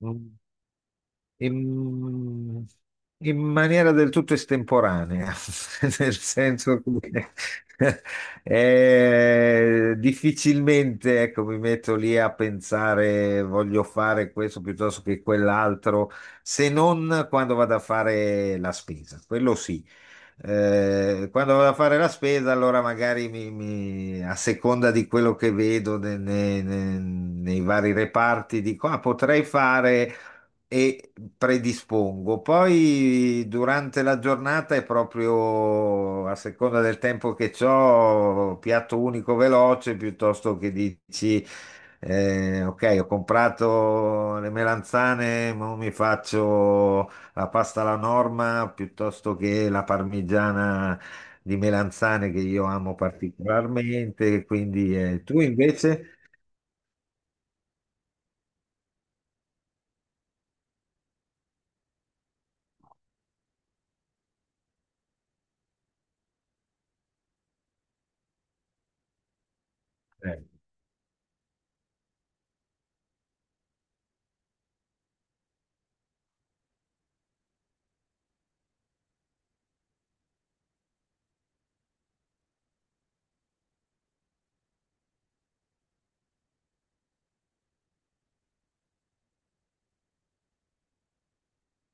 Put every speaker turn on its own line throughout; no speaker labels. In, in maniera del tutto estemporanea, nel senso che difficilmente, ecco, mi metto lì a pensare voglio fare questo piuttosto che quell'altro, se non quando vado a fare la spesa, quello sì. Quando vado a fare la spesa, allora magari a seconda di quello che vedo nei vari reparti, dico, ah, potrei fare e predispongo. Poi durante la giornata è proprio a seconda del tempo che ho, piatto unico veloce piuttosto che dici ok, ho comprato le melanzane, ma mi faccio la pasta alla norma piuttosto che la parmigiana di melanzane che io amo particolarmente, quindi tu invece? Eh.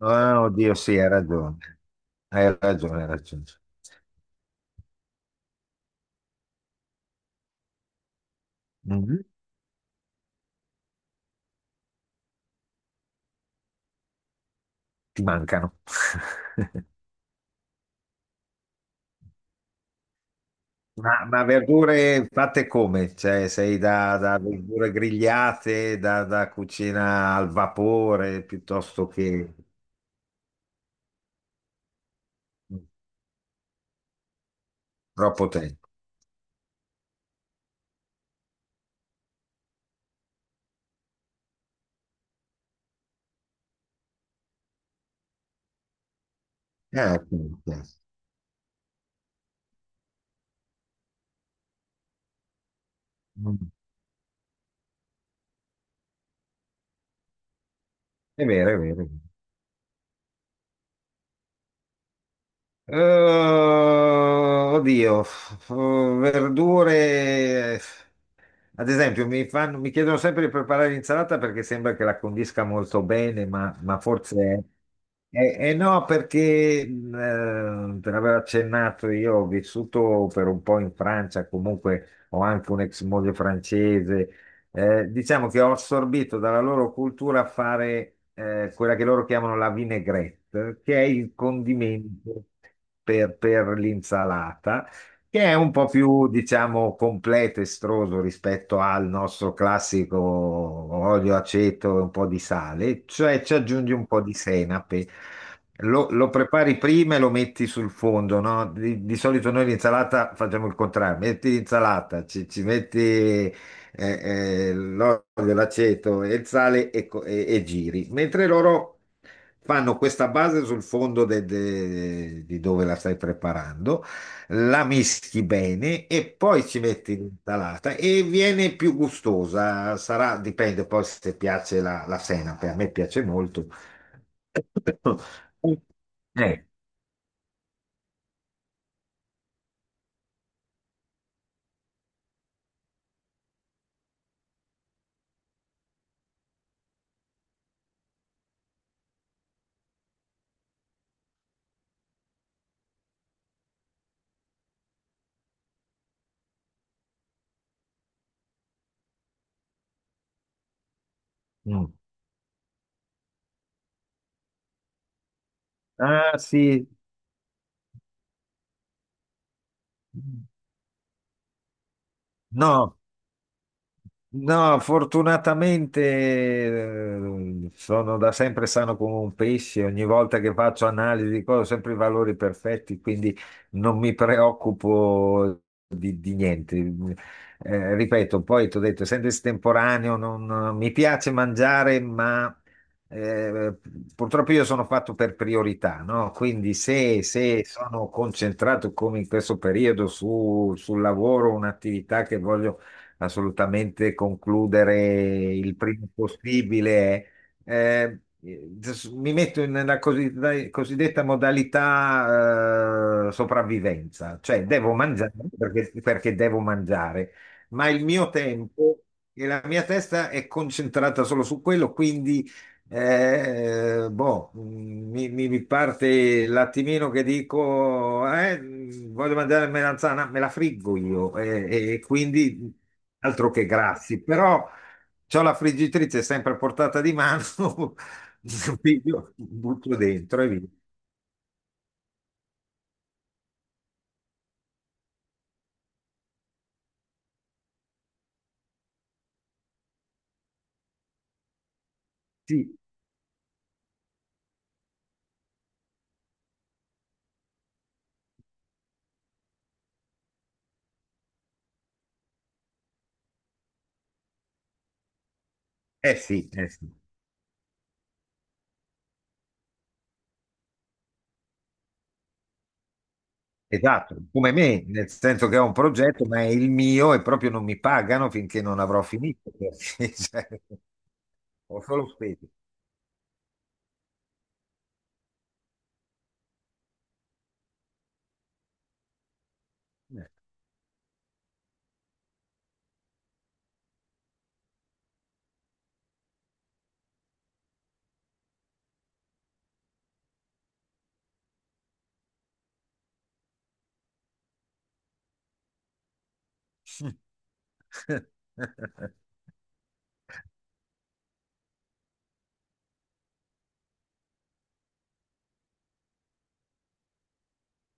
Ah, oddio, sì, hai ragione. Hai ragione, hai ragione. Mm. Ti mancano. Ma verdure fatte come? Cioè, sei da, da verdure grigliate, da cucina al vapore, piuttosto che troppo tempo. Ok, ok. Mm. È vero, è vero. Oddio, verdure. Ad esempio, mi chiedono sempre di preparare l'insalata perché sembra che la condisca molto bene, ma forse è. E no, perché te l'avevo accennato, io ho vissuto per un po' in Francia, comunque ho anche un'ex moglie francese, diciamo che ho assorbito dalla loro cultura fare quella che loro chiamano la vinaigrette, che è il condimento per l'insalata, che è un po' più, diciamo, completo, estroso rispetto al nostro classico olio, aceto e un po' di sale, cioè ci aggiungi un po' di senape. Lo prepari prima e lo metti sul fondo, no? Di solito noi l'insalata facciamo il contrario, metti l'insalata, ci metti l'olio, l'aceto e il sale e, e giri, mentre loro fanno questa base sul fondo di dove la stai preparando, la mischi bene e poi ci metti l'insalata e viene più gustosa, sarà, dipende poi se piace la, la senape, a me piace molto. Eh, mm. Ah sì, no. No, fortunatamente sono da sempre sano come un pesce, ogni volta che faccio analisi di cose ho sempre i valori perfetti, quindi non mi preoccupo di niente. Ripeto, poi ti ho detto, essendo estemporaneo, non, mi piace mangiare, ma eh, purtroppo io sono fatto per priorità, no? Quindi se, se sono concentrato come in questo periodo su, sul lavoro, un'attività che voglio assolutamente concludere il prima possibile. Mi metto in una cosiddetta modalità sopravvivenza, cioè devo mangiare perché, perché devo mangiare, ma il mio tempo e la mia testa è concentrata solo su quello, quindi mi parte l'attimino che dico, voglio mangiare melanzana, me la friggo io, e quindi altro che grassi, però c'ho la friggitrice sempre a portata di mano, quindi io butto dentro e via. Sì, sì, eh sì, esatto, come me, nel senso che ho un progetto, ma è il mio e proprio non mi pagano finché non avrò finito, perché cioè, ho solo spese.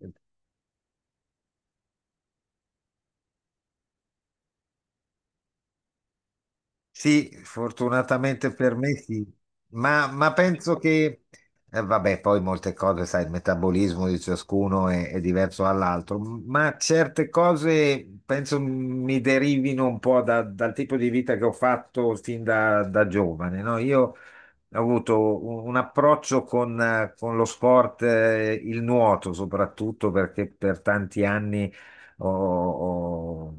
Eh. Sì, fortunatamente per me sì, ma penso che, vabbè, poi molte cose, sai, il metabolismo di ciascuno è diverso dall'altro, ma certe cose penso mi derivino un po' dal tipo di vita che ho fatto fin da, da giovane, no? Io ha avuto un approccio con lo sport, il nuoto soprattutto perché per tanti anni ho, ho-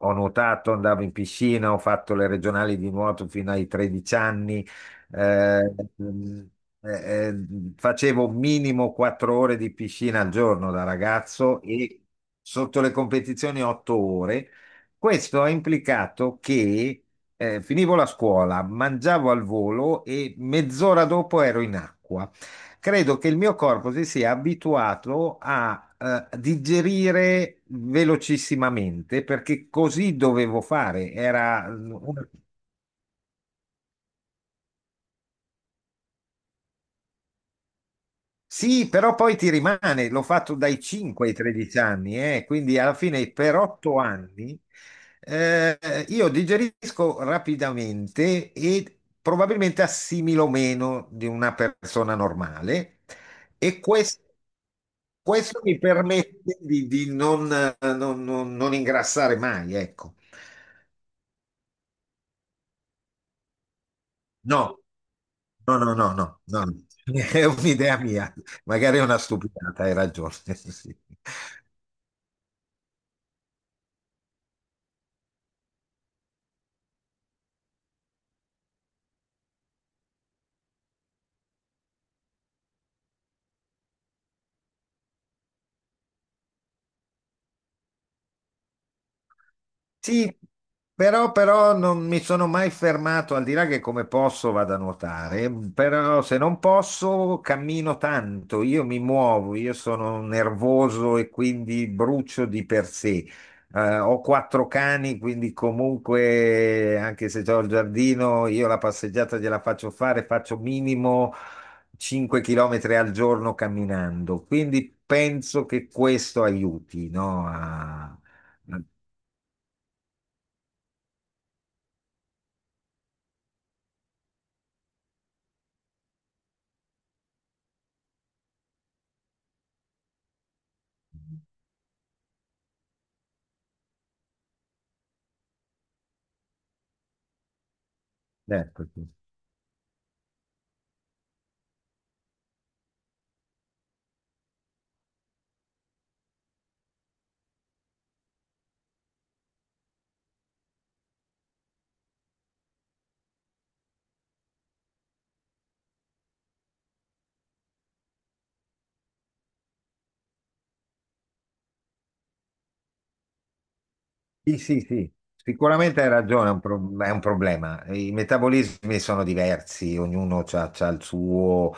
ho nuotato, andavo in piscina, ho fatto le regionali di nuoto fino ai 13 anni, eh, mm, eh, eh, facevo minimo 4 ore di piscina al giorno da ragazzo e sotto le competizioni 8 ore. Questo ha implicato che finivo la scuola, mangiavo al volo e mezz'ora dopo ero in acqua. Credo che il mio corpo si sia abituato a digerire velocissimamente perché così dovevo fare. Era una. Sì, però poi ti rimane, l'ho fatto dai 5 ai 13 anni, quindi alla fine per 8 anni, eh, io digerisco rapidamente e probabilmente assimilo meno di una persona normale e questo mi permette di non, non ingrassare mai, ecco. No, no, no, no, no, no. È un'idea mia, magari è una stupidata, hai ragione. Sì. Sì, però, però non mi sono mai fermato, al di là che come posso vado a nuotare, però se non posso cammino tanto, io mi muovo, io sono nervoso e quindi brucio di per sé. Ho quattro cani, quindi comunque anche se ho il giardino, io la passeggiata gliela faccio fare, faccio minimo 5 km al giorno camminando, quindi penso che questo aiuti, no? A- Ecco. Sì, sì, sì, sicuramente hai ragione, è un, è un problema. I metabolismi sono diversi, ognuno ha il suo,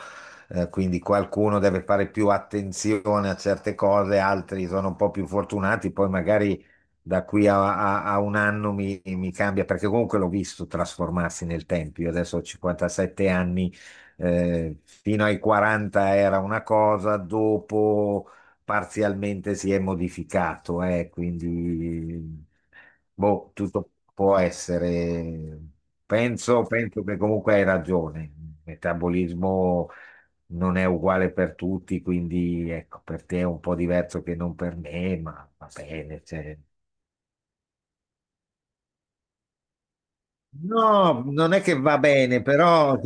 quindi qualcuno deve fare più attenzione a certe cose, altri sono un po' più fortunati, poi magari da qui a, a un anno mi cambia, perché comunque l'ho visto trasformarsi nel tempo. Io adesso ho 57 anni, fino ai 40 era una cosa, dopo parzialmente si è modificato, quindi boh, tutto può essere. Penso, penso che comunque hai ragione. Il metabolismo non è uguale per tutti, quindi ecco, per te è un po' diverso che non per me, ma va bene. Cioè. No, non è che va bene, però.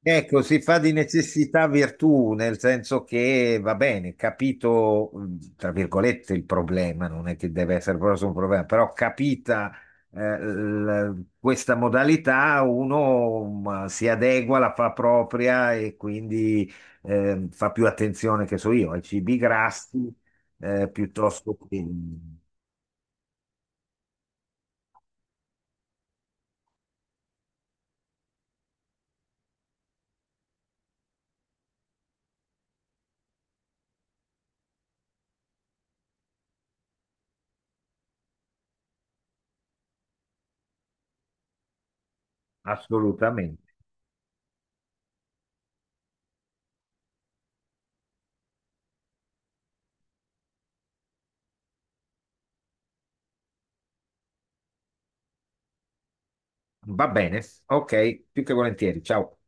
Ecco, si fa di necessità virtù, nel senso che va bene, capito, tra virgolette, il problema, non è che deve essere proprio solo un problema, però capita questa modalità, uno si adegua, la fa propria e quindi fa più attenzione, che so io, ai cibi grassi, piuttosto che assolutamente. Va bene, ok, più che volentieri, ciao.